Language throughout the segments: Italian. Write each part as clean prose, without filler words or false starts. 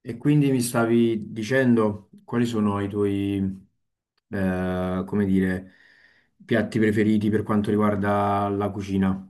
E quindi mi stavi dicendo quali sono i tuoi, come dire, piatti preferiti per quanto riguarda la cucina?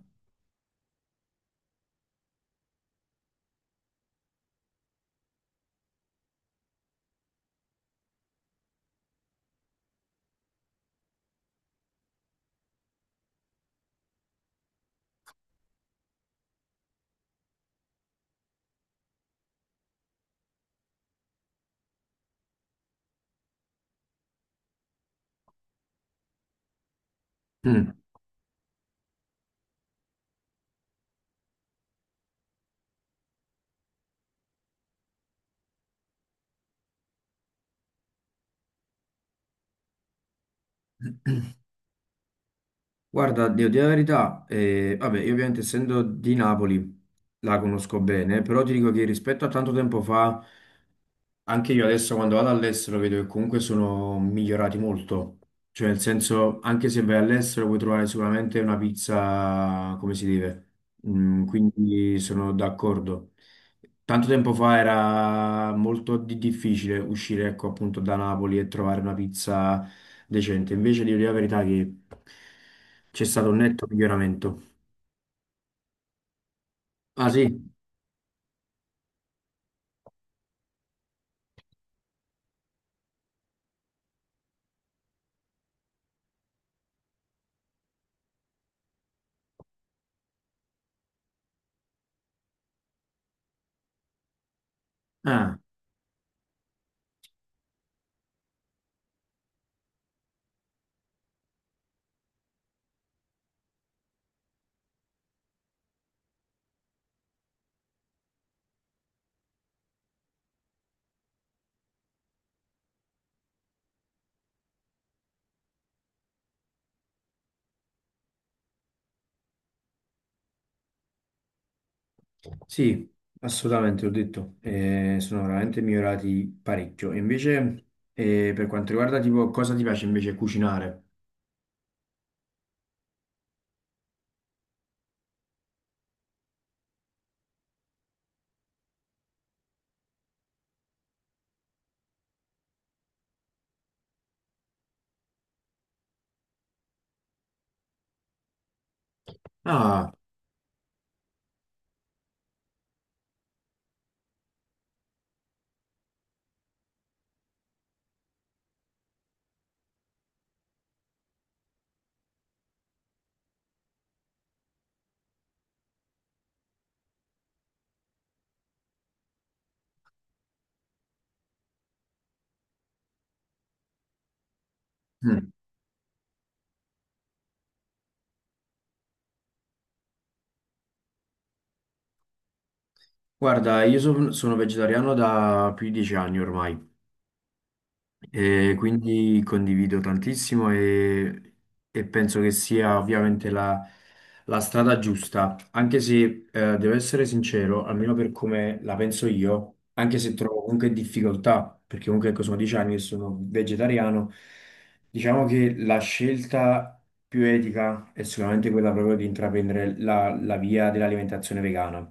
Mm. Guarda, devo dire la verità, vabbè, io ovviamente essendo di Napoli la conosco bene, però ti dico che rispetto a tanto tempo fa, anche io adesso quando vado all'estero vedo che comunque sono migliorati molto, cioè nel senso anche se vai all'estero puoi trovare sicuramente una pizza come si deve. Mm, quindi sono d'accordo. Tanto tempo fa era molto difficile uscire ecco appunto da Napoli e trovare una pizza decente, invece devo dire la verità che c'è stato un netto miglioramento. Ah, sì? Ah. Sì, assolutamente, ho detto, sono veramente migliorati parecchio. E invece, per quanto riguarda tipo cosa ti piace invece cucinare? Ah, mm, guarda, sono vegetariano da più di dieci anni ormai. E quindi condivido tantissimo e penso che sia ovviamente la, la strada giusta, anche se, devo essere sincero, almeno per come la penso io, anche se trovo comunque difficoltà, perché comunque ecco, sono dieci anni che sono vegetariano, diciamo che la scelta più etica è sicuramente quella proprio di intraprendere la via dell'alimentazione vegana.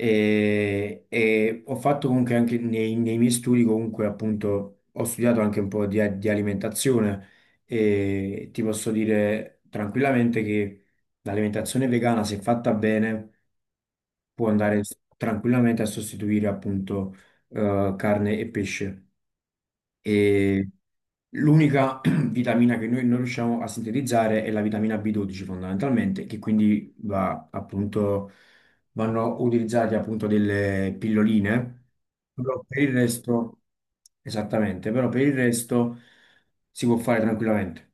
E ho fatto comunque anche nei miei studi, comunque appunto ho studiato anche un po' di alimentazione e ti posso dire tranquillamente che l'alimentazione vegana, se fatta bene, può andare tranquillamente a sostituire appunto, carne e pesce. E l'unica vitamina che noi non riusciamo a sintetizzare è la vitamina B12 fondamentalmente, che quindi va appunto, vanno utilizzate appunto delle pilloline, però per il resto, esattamente, però per il resto si può fare tranquillamente.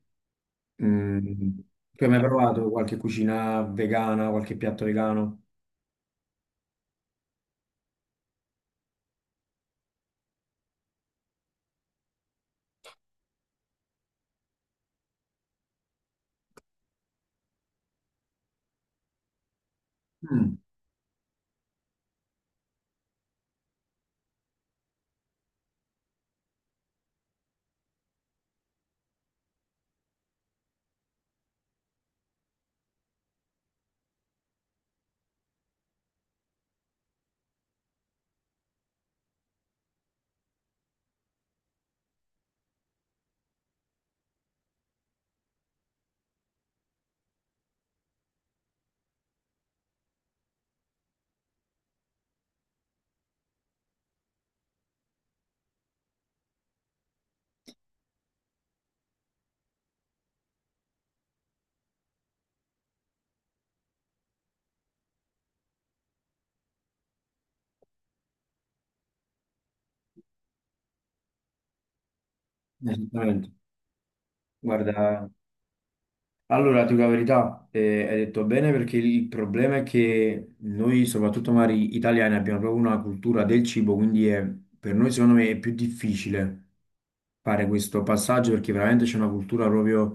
Mm. Tu hai mai provato qualche cucina vegana, qualche piatto vegano? Mm. Esattamente, guarda. Allora, ti dico la verità, hai detto bene perché il problema è che noi, soprattutto magari italiani, abbiamo proprio una cultura del cibo, per noi secondo me è più difficile fare questo passaggio perché veramente c'è una cultura proprio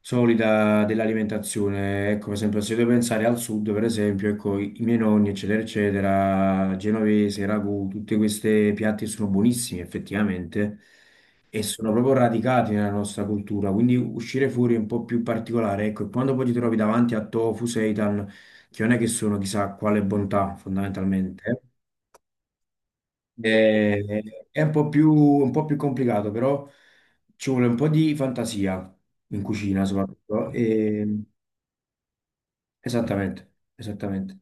solida dell'alimentazione. Ecco, per esempio, se devo pensare al sud, per esempio, ecco, i miei nonni, eccetera, eccetera, genovese, ragù, tutte queste piatti sono buonissime effettivamente e sono proprio radicati nella nostra cultura, quindi uscire fuori è un po' più particolare, ecco, e quando poi ti trovi davanti a tofu, seitan, che non è che sono chissà quale bontà, fondamentalmente, eh, è un po' più complicato, però ci vuole un po' di fantasia in cucina soprattutto. E esattamente, esattamente.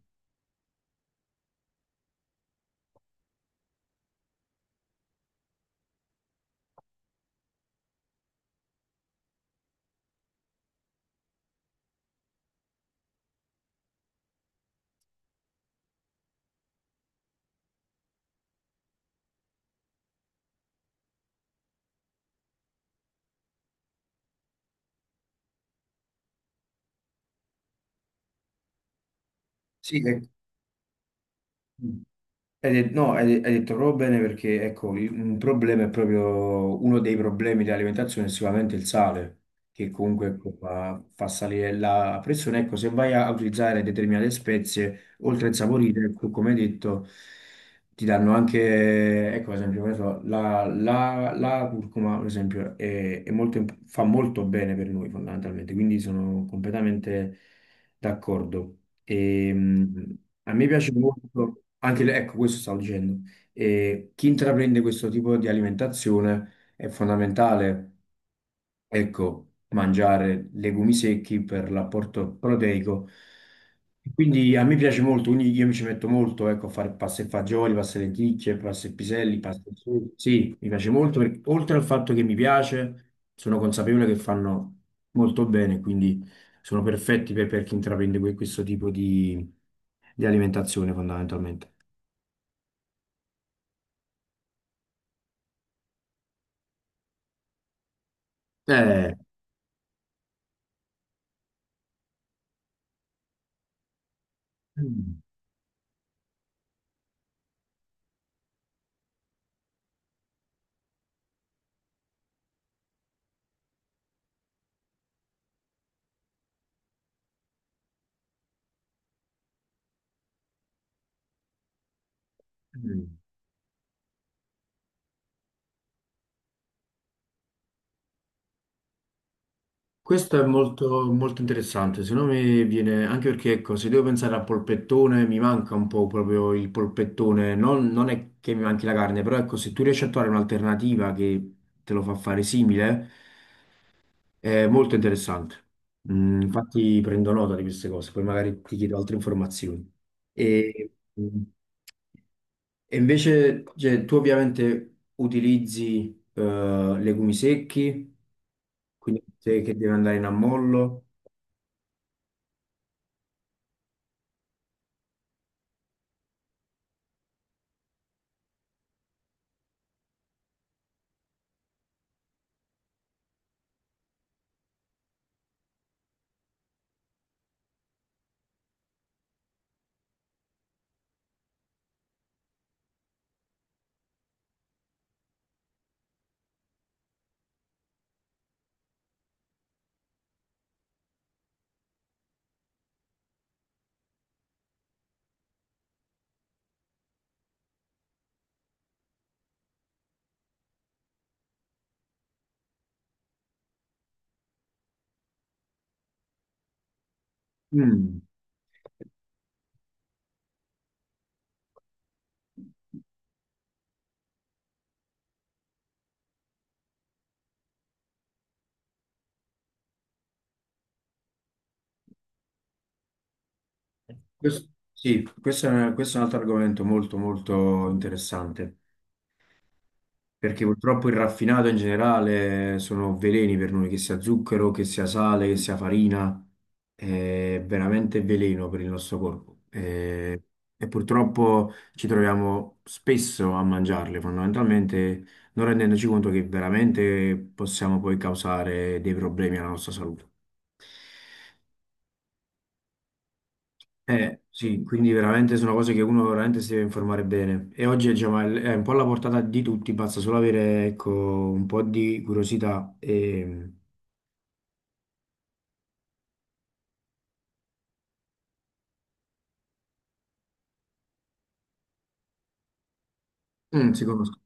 Sì, mm. No, hai detto proprio bene perché ecco, un problema, è proprio uno dei problemi dell'alimentazione è sicuramente il sale, che comunque ecco, fa, fa salire la pressione. Ecco, se vai a utilizzare determinate spezie, oltre a insaporire, ecco, come hai detto, ti danno anche, ecco, ad esempio, che ne so, la curcuma, ad esempio, è molto fa molto bene per noi fondamentalmente, quindi sono completamente d'accordo. E a me piace molto, anche ecco questo stavo dicendo, e chi intraprende questo tipo di alimentazione è fondamentale ecco, mangiare legumi secchi per l'apporto proteico. E quindi a me piace molto, quindi io mi ci metto molto, ecco, a fare pasta e fagioli, pasta e lenticchie, pasta e piselli, pasta e sughi. Sì, mi piace molto, perché, oltre al fatto che mi piace, sono consapevole che fanno molto bene, quindi sono perfetti per chi intraprende questo tipo di alimentazione fondamentalmente. Eh, mm, mm. Questo è molto, molto interessante, secondo me viene anche perché ecco, se devo pensare al polpettone mi manca un po' proprio il polpettone, non, non è che mi manchi la carne, però ecco, se tu riesci a trovare un'alternativa che te lo fa fare simile, è molto interessante. Mm, infatti prendo nota di queste cose, poi magari ti chiedo altre informazioni. E, mm, e invece, cioè, tu ovviamente utilizzi, legumi secchi, quindi te che deve andare in ammollo. Mm. Questo, sì, questo è un altro argomento molto molto interessante, perché purtroppo il raffinato in generale sono veleni per noi, che sia zucchero, che sia sale, che sia farina, è veramente veleno per il nostro corpo. E purtroppo ci troviamo spesso a mangiarle, fondamentalmente non rendendoci conto che veramente possiamo poi causare dei problemi alla nostra salute. Sì, quindi veramente sono cose che uno veramente si deve informare bene. E oggi diciamo, è un po' alla portata di tutti, basta solo avere ecco, un po' di curiosità e mm, si conoscono.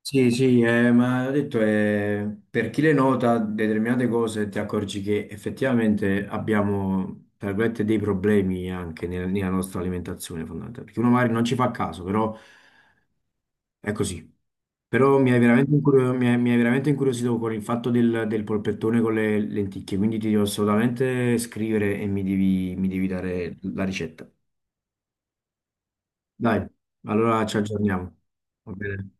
Sì, sì, ma ho detto, per chi le nota determinate cose ti accorgi che effettivamente abbiamo, tra virgolette, dei problemi anche nella nostra alimentazione fondamentale, perché uno magari non ci fa caso, però... È così. Però mi hai veramente, mi hai, mi hai veramente incuriosito con il fatto del, del polpettone con le lenticchie, quindi ti devo assolutamente scrivere e mi devi dare la ricetta. Dai, allora ci aggiorniamo. Va bene?